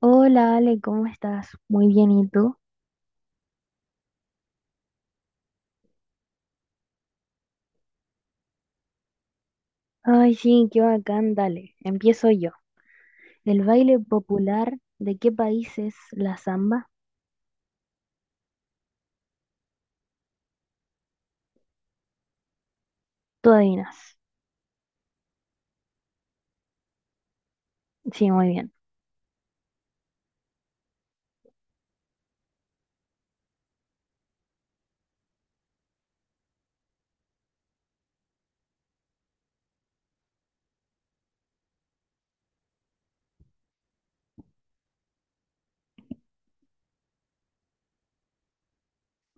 Hola Ale, ¿cómo estás? Muy bien, ¿y tú? Ay, sí, qué bacán, dale, empiezo yo. ¿El baile popular de qué país es la samba? Tú adivinas. Sí, muy bien.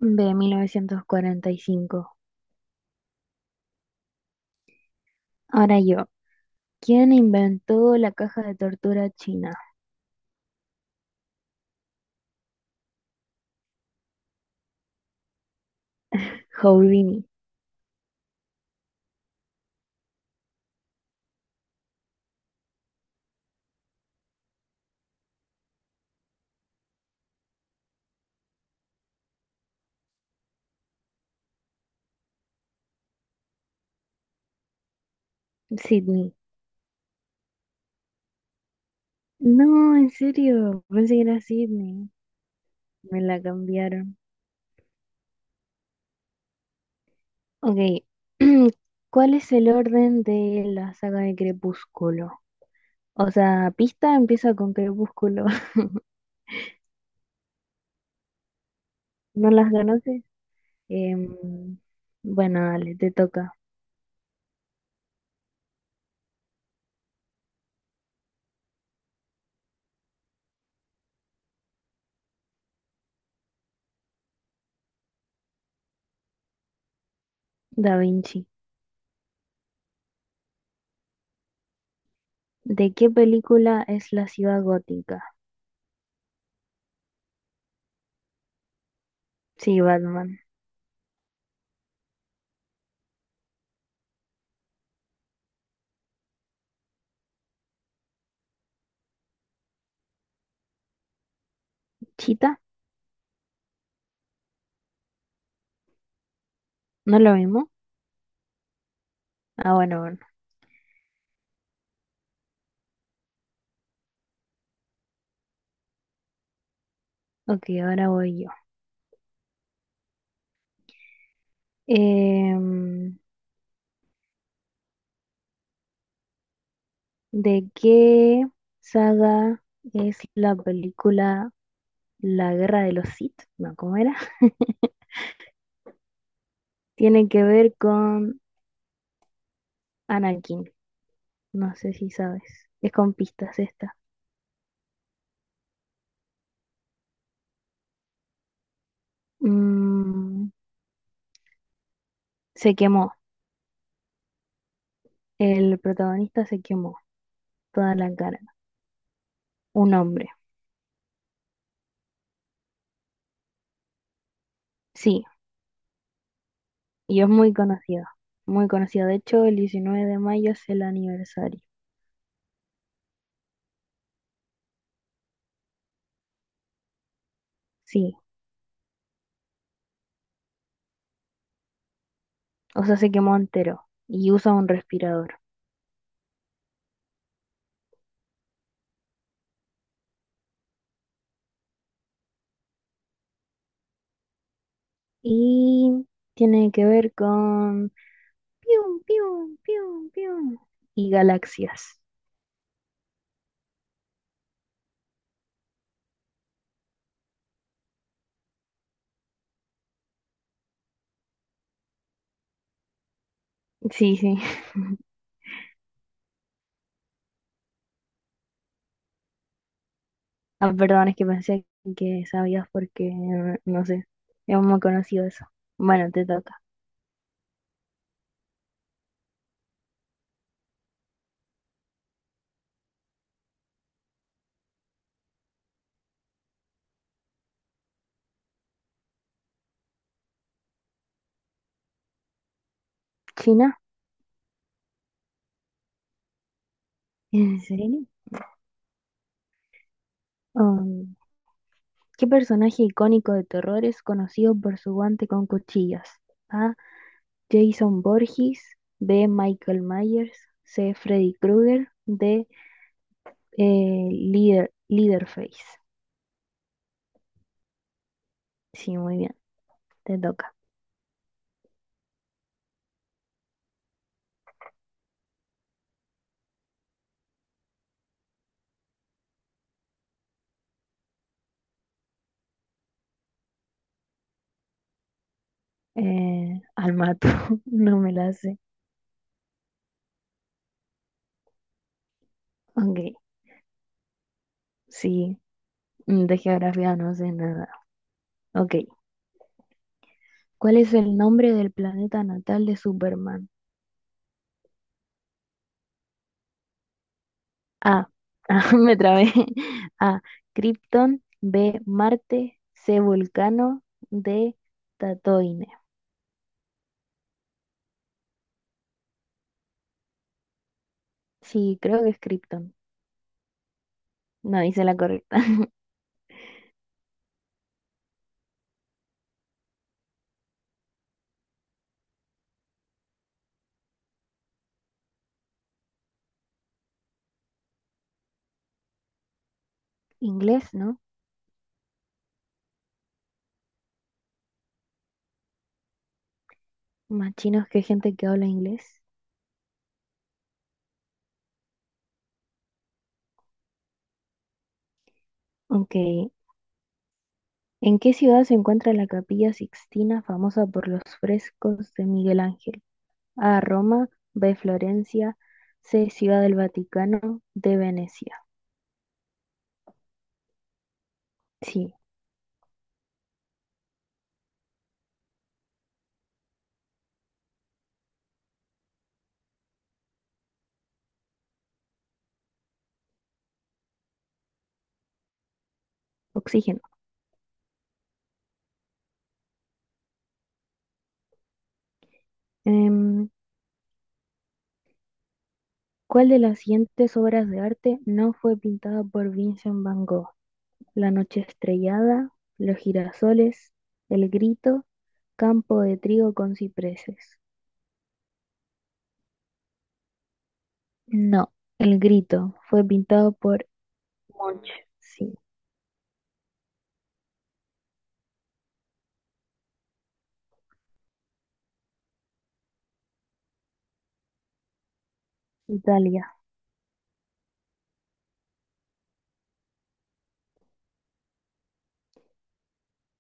De 1945. Ahora yo. ¿Quién inventó la caja de tortura china? Houdini. Sydney. No, en serio, pensé que era Sydney. Me la cambiaron. Ok. ¿Cuál es el orden de la saga de Crepúsculo? O sea, pista empieza con crepúsculo. ¿No las conoces? Em, bueno, dale, te toca. Da Vinci. ¿De qué película es la ciudad gótica? Sí, Batman. ¿Chita? ¿No lo mismo? Ah, bueno, bueno. Ok, ahora voy yo. Em, ¿De qué saga es la película La Guerra de los Sith? No, ¿cómo era? Tiene que ver con Anakin. No sé si sabes. Es con pistas esta. Mm, Se quemó. El protagonista se quemó toda la cara. Un hombre. Sí, y es muy conocido. Muy conocido. De hecho, el 19 de mayo es el aniversario. Sí, o sea, se quemó entero y usa un respirador. Y tiene que ver con pium, pium, pium, pium y galaxias. Sí, sí. Ah, perdón, es que pensé que sabías porque no sé. Es muy conocido eso. Bueno, te toca. ¿China? ¿En serio? Oh. ¿Qué personaje icónico de terror es conocido por su guante con cuchillas? A. Jason Voorhees. B. Michael Myers. C. Freddy Krueger. D. Leader, Leaderface. Sí, muy bien. Te toca. Al mato. No me la sé. Ok. Sí. De geografía no sé nada. Ok. ¿Cuál es el nombre del planeta natal de Superman? A. Me trabé. A. Krypton. B. Marte. C. Vulcano. D. Tatooine. Sí, creo que es Krypton. No hice la correcta. Inglés, ¿no? Más chinos que gente que habla inglés. Ok. ¿En qué ciudad se encuentra la Capilla Sixtina, famosa por los frescos de Miguel Ángel? A. Roma. B. Florencia. C. Ciudad del Vaticano. D. Venecia. Sí, oxígeno. Em, ¿Cuál de las siguientes obras de arte no fue pintada por Vincent Van Gogh? La noche estrellada, Los girasoles, El grito, Campo de trigo con cipreses. No, El grito fue pintado por Monch, sí. Italia.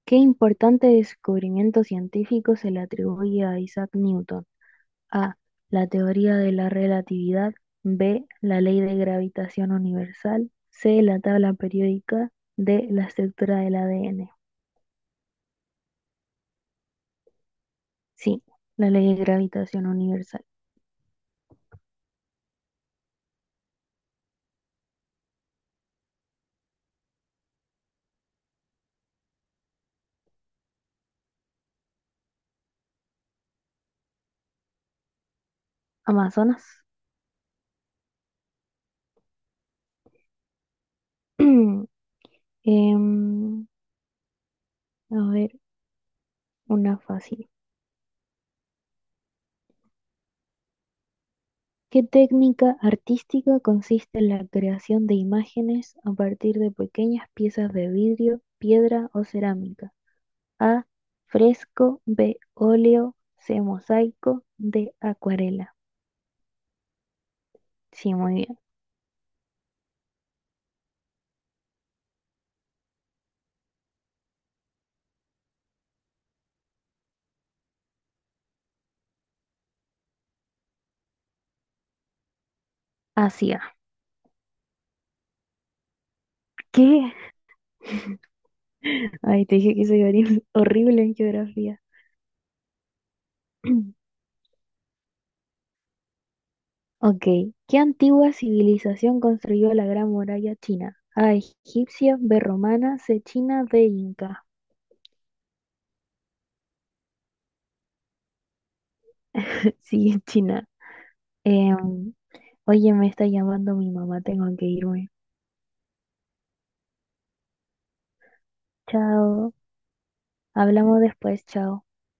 ¿Qué importante descubrimiento científico se le atribuye a Isaac Newton? A. La teoría de la relatividad. B. La ley de gravitación universal. C. La tabla periódica. D. La estructura del ADN. Sí, la ley de gravitación universal. Amazonas. Em, a ver, una fácil. ¿Qué técnica artística consiste en la creación de imágenes a partir de pequeñas piezas de vidrio, piedra o cerámica? A. Fresco. B. Óleo. C. Mosaico. D. Acuarela. Sí, muy bien. Asia. ¿Qué? Ay, te dije que soy horrible horrible en geografía. Ok, ¿qué antigua civilización construyó la Gran Muralla China? A, egipcia, B, romana, C, china, D, inca. Sí, es china. Em, Oye, me está llamando mi mamá, tengo que irme. Chao, hablamos después, chao.